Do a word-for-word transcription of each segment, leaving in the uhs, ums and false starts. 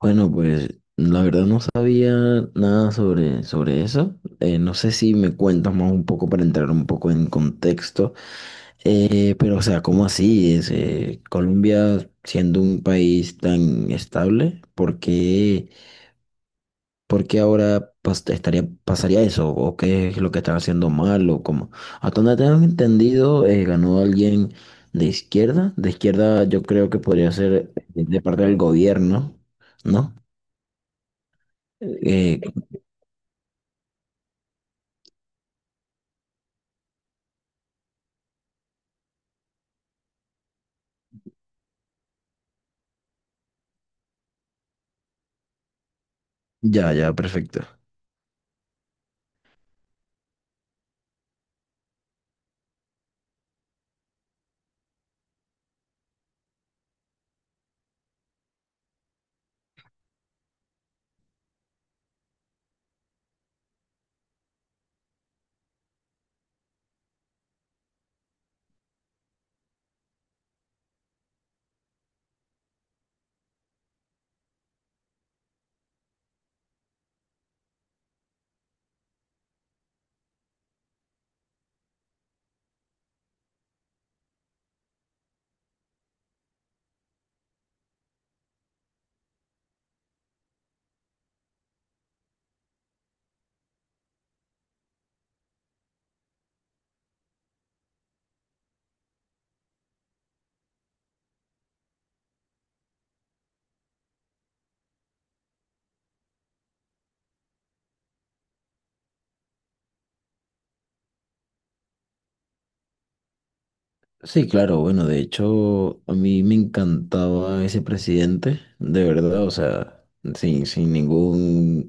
Bueno, pues la verdad no sabía nada sobre, sobre eso. Eh, no sé si me cuentas más un poco para entrar un poco en contexto. Eh, pero, o sea, ¿cómo así? Es, eh, Colombia siendo un país tan estable, ¿por qué, por qué ahora pas- estaría, pasaría eso? ¿O qué es lo que están haciendo mal? ¿O cómo? Hasta donde tengo entendido, eh, ganó alguien de izquierda. De izquierda yo creo que podría ser eh, de parte del gobierno, ¿no? Eh, Ya, ya, perfecto. Sí, claro, bueno, de hecho, a mí me encantaba ese presidente, de verdad, o sea, sin, sin ningún,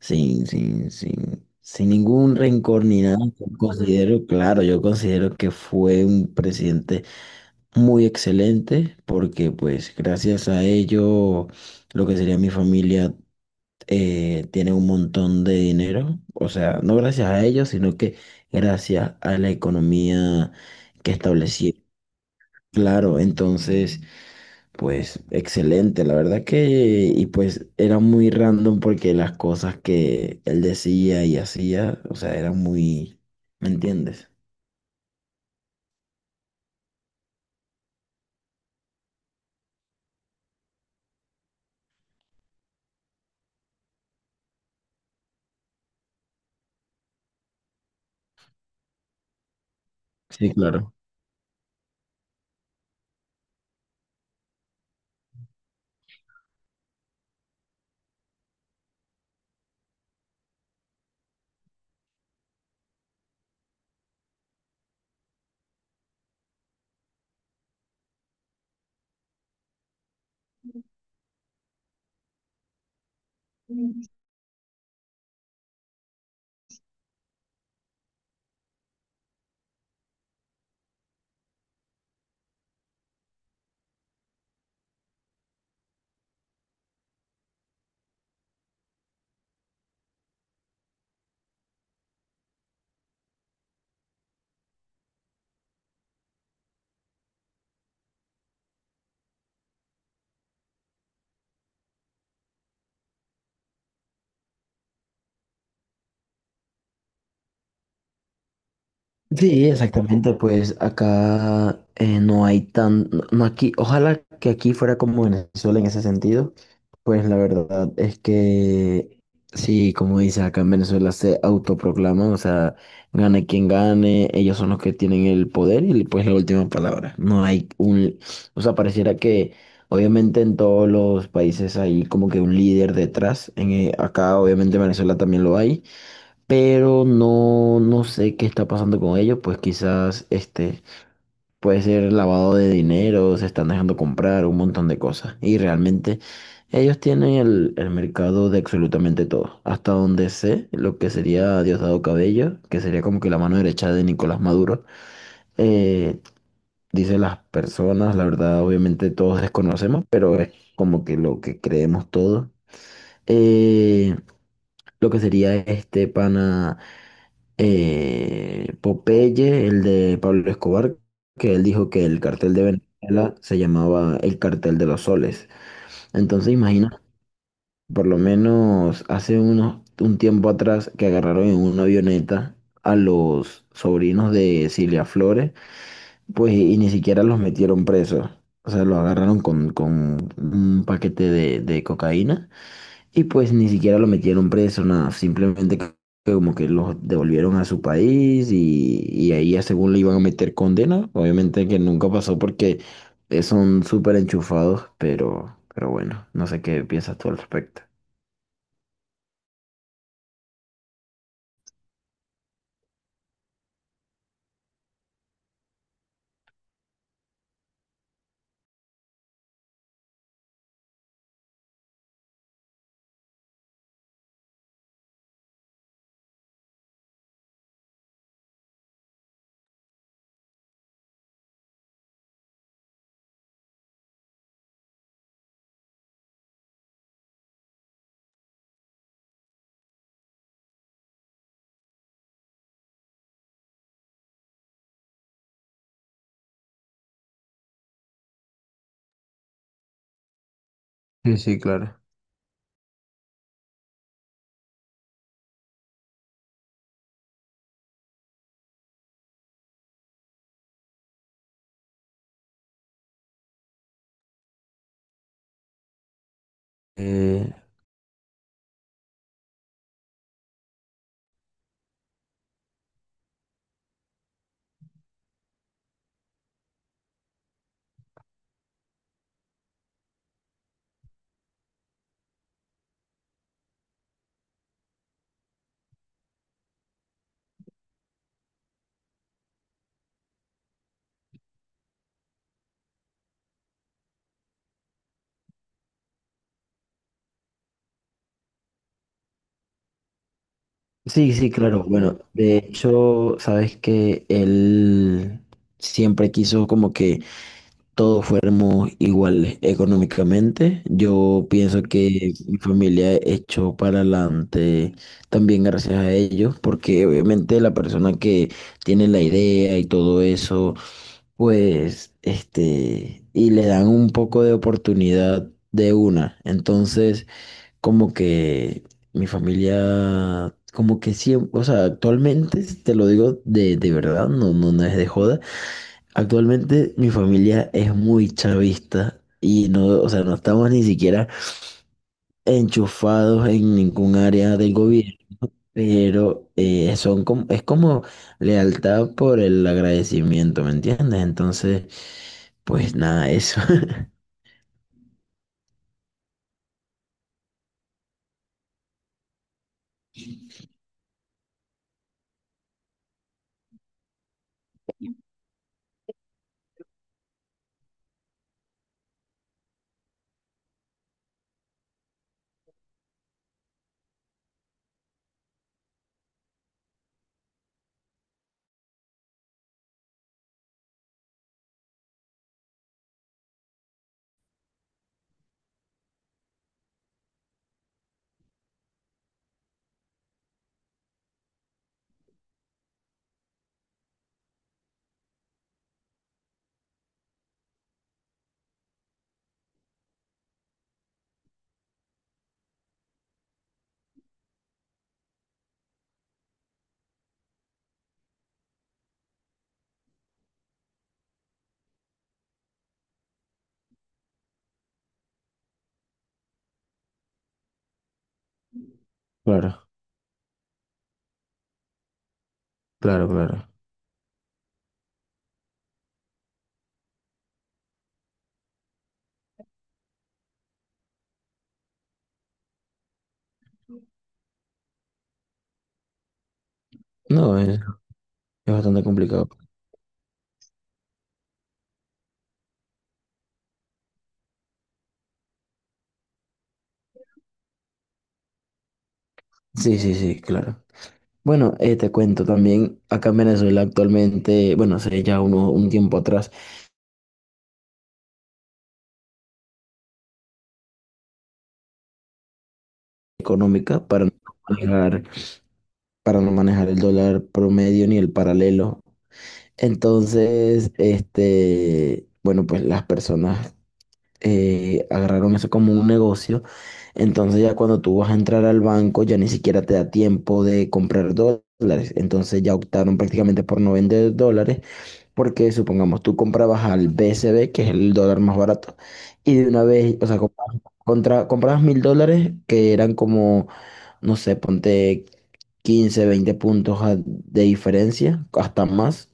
sin, sin, sin, sin ningún rencor ni nada. Yo Considero, claro, yo considero que fue un presidente muy excelente, porque pues gracias a ello, lo que sería mi familia eh, tiene un montón de dinero, o sea, no gracias a ellos, sino que gracias a la economía que establecieron. Claro, entonces, pues excelente, la verdad que, y pues era muy random porque las cosas que él decía y hacía, o sea, eran muy, ¿me entiendes? Sí, claro. Sí, exactamente, pues acá eh, no hay tan, no no aquí, ojalá que aquí fuera como Venezuela en ese sentido, pues la verdad es que sí, como dices, acá en Venezuela se autoproclaman, o sea, gane quien gane, ellos son los que tienen el poder y pues la última palabra, no hay un, o sea, pareciera que obviamente en todos los países hay como que un líder detrás, en, eh, acá obviamente en Venezuela también lo hay pero no, no sé qué está pasando con ellos, pues quizás este puede ser lavado de dinero, se están dejando comprar un montón de cosas y realmente ellos tienen el, el mercado de absolutamente todo, hasta donde sé lo que sería Diosdado Cabello, que sería como que la mano derecha de Nicolás Maduro, eh, dice las personas, la verdad obviamente todos desconocemos, pero es como que lo que creemos todos. Eh, lo que sería este pana. eh, Popeye, el de Pablo Escobar, que él dijo que el cartel de Venezuela se llamaba el cartel de los soles. Entonces imagina, por lo menos hace unos, un tiempo atrás que agarraron en una avioneta a los sobrinos de Cilia Flores, pues y, ni siquiera los metieron presos. O sea, los agarraron con, con un paquete de, de cocaína y pues ni siquiera lo metieron preso, nada, simplemente que que como que los devolvieron a su país y, y ahí ya según le iban a meter condena, obviamente que nunca pasó porque eh, son súper enchufados, pero, pero bueno, no sé qué piensas tú al respecto. Sí, sí, claro. Eh, sí, sí, claro. Bueno, de hecho, sabes que él siempre quiso como que todos fuéramos iguales económicamente. Yo pienso que mi familia echó para adelante también gracias a ellos, porque obviamente la persona que tiene la idea y todo eso, pues, este, y le dan un poco de oportunidad de una. Entonces, como que mi familia... Como que siempre, o sea, actualmente, te lo digo de, de verdad, no, no, no es de joda. Actualmente mi familia es muy chavista y no, o sea, no estamos ni siquiera enchufados en ningún área del gobierno, pero eh, son como, es como lealtad por el agradecimiento, ¿me entiendes? Entonces, pues nada, eso. Claro, claro, claro. No, es, es bastante complicado. Sí, sí, sí, claro. Bueno, eh, te cuento también, acá en Venezuela actualmente, bueno, hace ya uno, un tiempo atrás, económica para no pagar para no manejar el dólar promedio ni el paralelo. Entonces, este, bueno, pues las personas eh, agarraron eso como un negocio. Entonces ya cuando tú vas a entrar al banco, ya ni siquiera te da tiempo de comprar dólares. Entonces ya optaron prácticamente por no vender dólares, porque supongamos tú comprabas al B C B, que es el dólar más barato, y de una vez, o sea, comprabas, contra, comprabas mil dólares, que eran como no sé, ponte quince veinte puntos a- de diferencia, hasta más.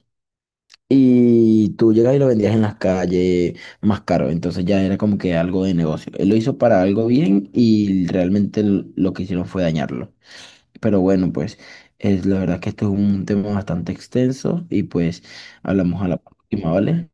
Y tú llegas y lo vendías en las calles más caro. Entonces ya era como que algo de negocio. Él lo hizo para algo bien y realmente l- lo que hicieron fue dañarlo. Pero bueno, pues es la verdad que esto es un tema bastante extenso y pues hablamos a la próxima, ¿vale?